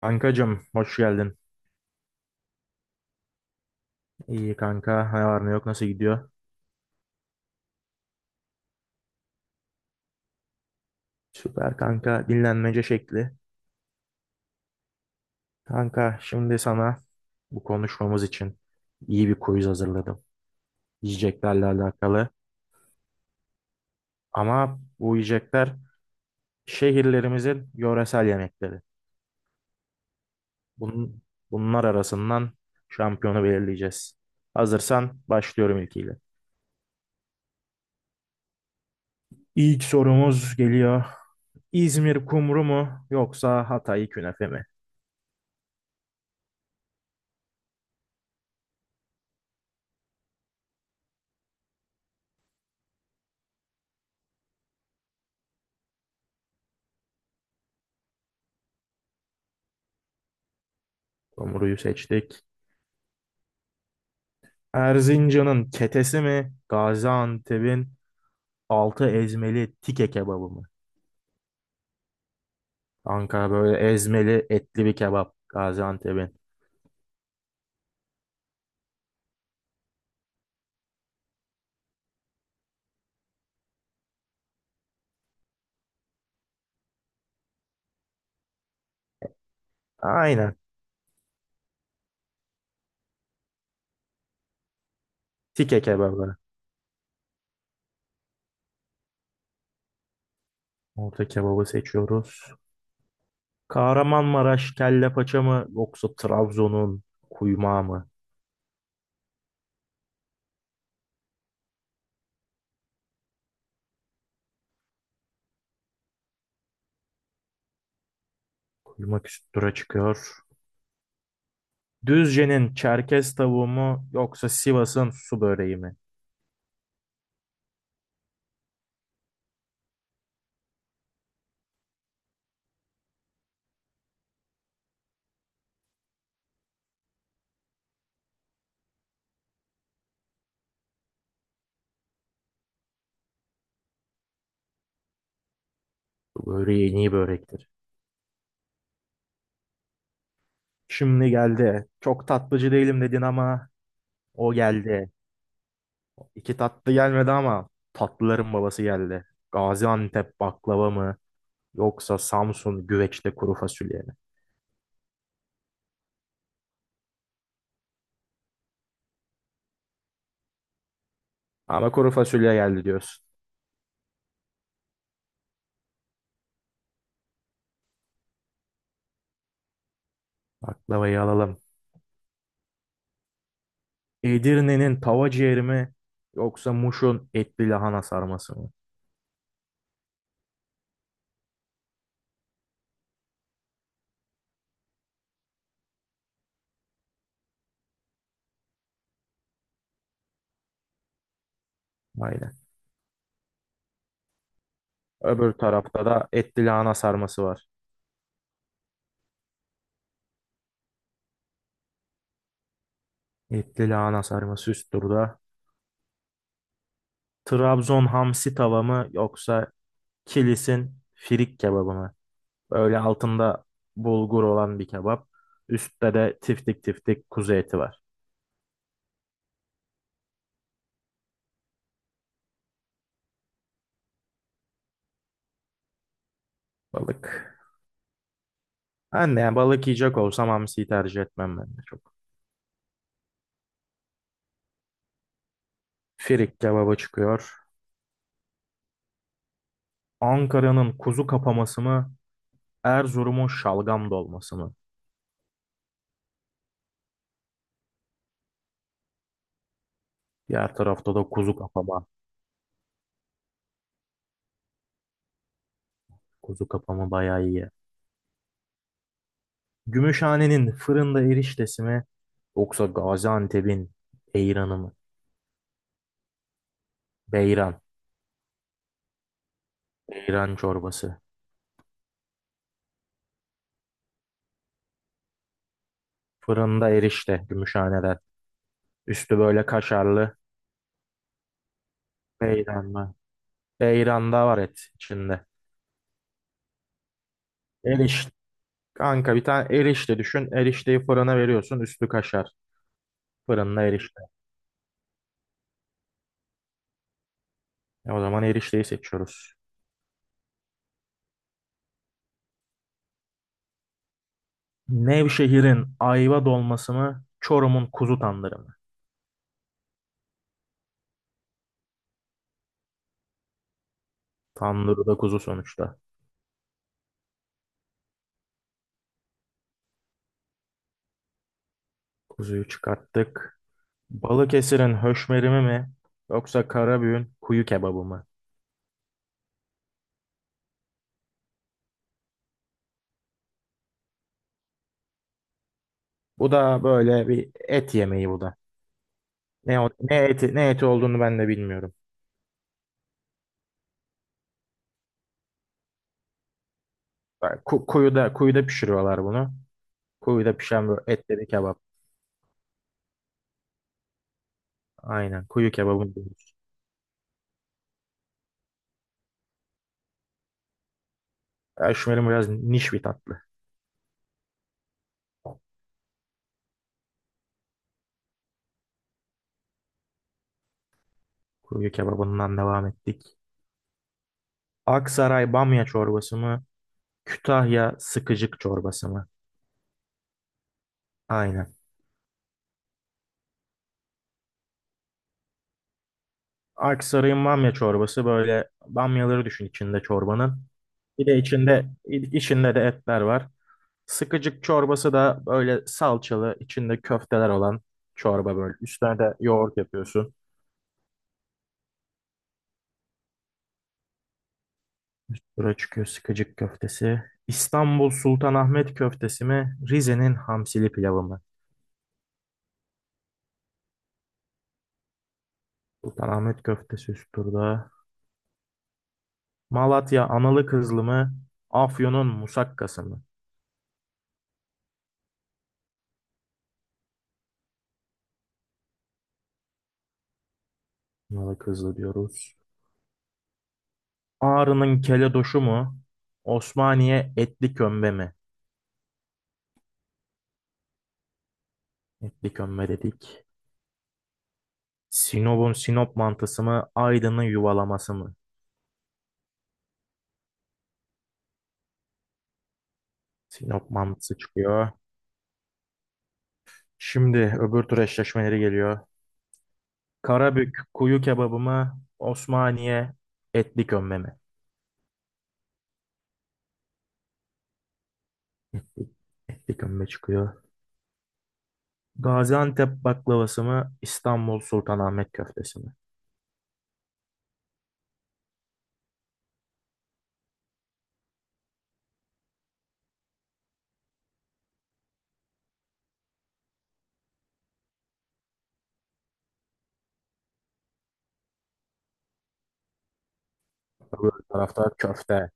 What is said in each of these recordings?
Kankacım hoş geldin. İyi kanka. Ne var ne yok nasıl gidiyor? Süper kanka. Dinlenmece şekli. Kanka şimdi sana bu konuşmamız için iyi bir quiz hazırladım. Yiyeceklerle alakalı. Ama bu yiyecekler şehirlerimizin yöresel yemekleri. Bunun, bunlar arasından şampiyonu belirleyeceğiz. Hazırsan başlıyorum ilkiyle. İlk sorumuz geliyor. İzmir kumru mu yoksa Hatay künefe mi? Kumruyu seçtik. Erzincan'ın ketesi mi? Gaziantep'in altı ezmeli tike kebabı mı? Ankara böyle ezmeli etli bir kebap. Gaziantep'in. Aynen. Tike kebabı. Orta kebabı seçiyoruz. Kahramanmaraş kelle paça mı? Yoksa Trabzon'un kuymağı mı? Kuymak üst tura çıkıyor. Düzce'nin Çerkez tavuğu mu? Yoksa Sivas'ın su böreği mi? Su böreği en iyi börektir. Şimdi geldi. Çok tatlıcı değilim dedin ama o geldi. İki tatlı gelmedi ama tatlıların babası geldi. Gaziantep baklava mı yoksa Samsun güveçte kuru fasulye mi? Ama kuru fasulye geldi diyorsun. Baklavayı alalım. Edirne'nin tava ciğeri mi yoksa Muş'un etli lahana sarması mı? Aynen. Öbür tarafta da etli lahana sarması var. Etli lahana sarması üst turda. Trabzon hamsi tava mı yoksa Kilis'in firik kebabı mı? Böyle altında bulgur olan bir kebap. Üstte de tiftik tiftik kuzu eti var. Balık. Ben de yani balık yiyecek olsam hamsiyi tercih etmem ben de çok. Firik kebaba çıkıyor. Ankara'nın kuzu kapaması mı? Erzurum'un şalgam dolması mı? Diğer tarafta da kuzu kapama. Kuzu kapama bayağı iyi. Gümüşhane'nin fırında eriştesi mi? Yoksa Gaziantep'in beyranı mı? Beyran. Beyran çorbası. Fırında erişte Gümüşhane'den. Üstü böyle kaşarlı. Beyran mı? Beyran'da var et içinde. Eriş. Kanka bir tane erişte düşün. Erişteyi fırına veriyorsun. Üstü kaşar. Fırında erişte. E o zaman erişteyi seçiyoruz. Nevşehir'in ayva dolması mı? Çorum'un kuzu tandırı mı? Tandırı da kuzu sonuçta. Kuzuyu çıkarttık. Balıkesir'in höşmerimi mi? Yoksa Karabüğün kuyu kebabı mı? Bu da böyle bir et yemeği bu da. Ne ne eti olduğunu ben de bilmiyorum. Yani kuyuda, kuyuda pişiriyorlar bunu. Kuyuda pişen böyle etleri kebap. Aynen kuyu kebabını diyoruz. Kaşmerim biraz niş bir tatlı. Kuyu kebabından devam ettik. Aksaray bamya çorbası mı? Kütahya sıkıcık çorbası mı? Aynen. Aksaray'ın bamya çorbası böyle bamyaları düşün içinde çorbanın. Bir de içinde de etler var. Sıkıcık çorbası da böyle salçalı içinde köfteler olan çorba böyle. Üstüne de yoğurt yapıyorsun. Üst tura çıkıyor sıkıcık köftesi. İstanbul Sultanahmet köftesi mi? Rize'nin hamsili pilavı mı? Sultanahmet köftesi üst turda. Malatya analı kızlı mı? Afyon'un musakkası mı? Analı kızlı diyoruz. Ağrı'nın keledoşu mu? Osmaniye etli kömbe mi? Etli kömbe dedik. Sinop'un Sinop mantısı mı? Aydın'ın yuvalaması mı? Sinop mantısı çıkıyor. Şimdi öbür tur eşleşmeleri geliyor. Karabük kuyu kebabı mı? Osmaniye etli kömbe mi? Etli, etli kömbe çıkıyor. Gaziantep baklavası mı? İstanbul Sultanahmet köftesi mi? Öbür tarafta köfte.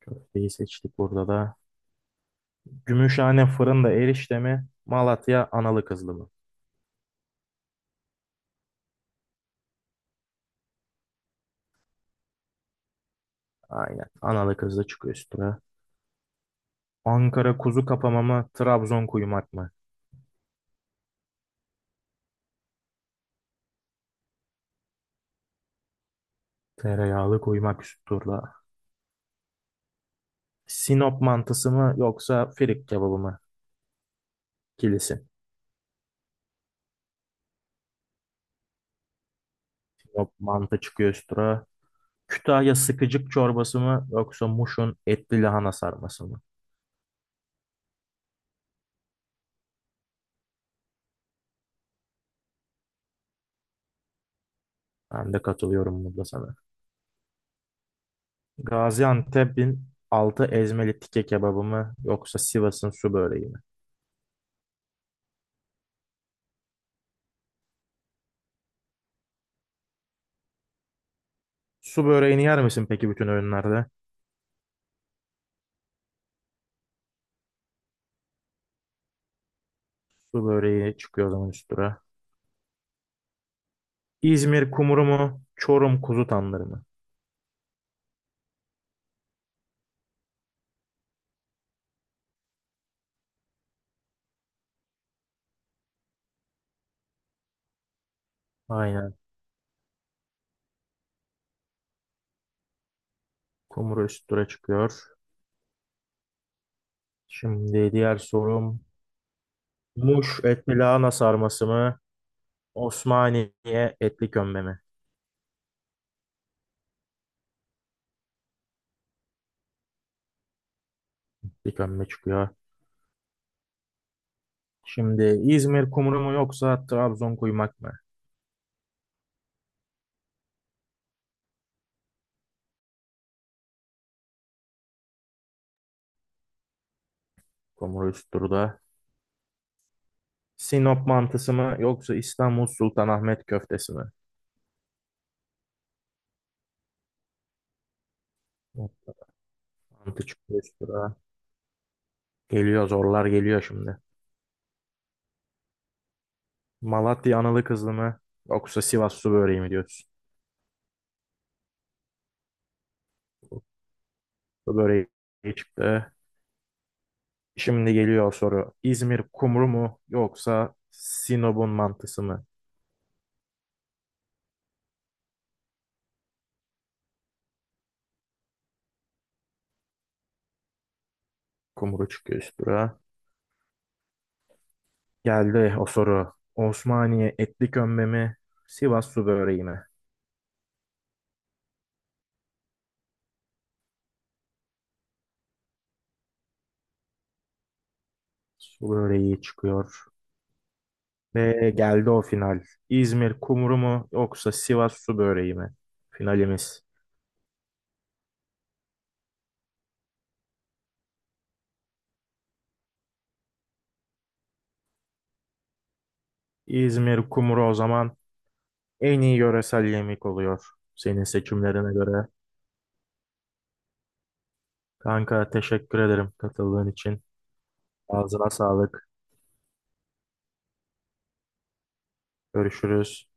Köfteyi seçtik burada da. Gümüşhane fırında erişte mi? Malatya analı kızlı mı? Aynen. Analı kızlı çıkıyor üstüne. Ankara kuzu kapama mı? Trabzon kuymak mı? Tereyağlı kuymak üst turda. Sinop mantısı mı yoksa firik kebabı mı? Kilisi. Sinop mantı çıkıyor üst tura. Kütahya sıkıcık çorbası mı yoksa Muş'un etli lahana sarması mı? Ben de katılıyorum burada sana. Gaziantep'in altı ezmeli tike kebabı mı yoksa Sivas'ın su böreği mi? Su böreğini yer misin peki bütün öğünlerde? Su böreği çıkıyor o zaman üstüne. İzmir kumru mu? Çorum kuzu tandırı mı? Aynen. Kumru üstüne çıkıyor. Şimdi diğer sorum. Muş etli lahana sarması mı? Osmaniye etli kömbe mi? Etli kömbe çıkıyor. Şimdi İzmir kumru mu yoksa Trabzon kuymak mı? Kumru üst turda. Sinop mantısı mı yoksa İstanbul Sultanahmet köftesi mi? Hop, mantı çıktı üst tura. Geliyor zorlar geliyor şimdi. Malatya analı kızlı mı yoksa Sivas su böreği mi diyorsun? Su böreği çıktı. Şimdi geliyor soru. İzmir kumru mu yoksa Sinop'un mantısı mı? Kumru çıkıyor üst tura. Geldi o soru. Osmaniye etli kömbe mi? Sivas su böreği mi? Su böreği çıkıyor. Ve geldi o final. İzmir kumru mu yoksa Sivas su böreği mi? Finalimiz. İzmir kumru o zaman en iyi yöresel yemek oluyor. Senin seçimlerine göre. Kanka teşekkür ederim katıldığın için. Ağzına sağlık. Görüşürüz.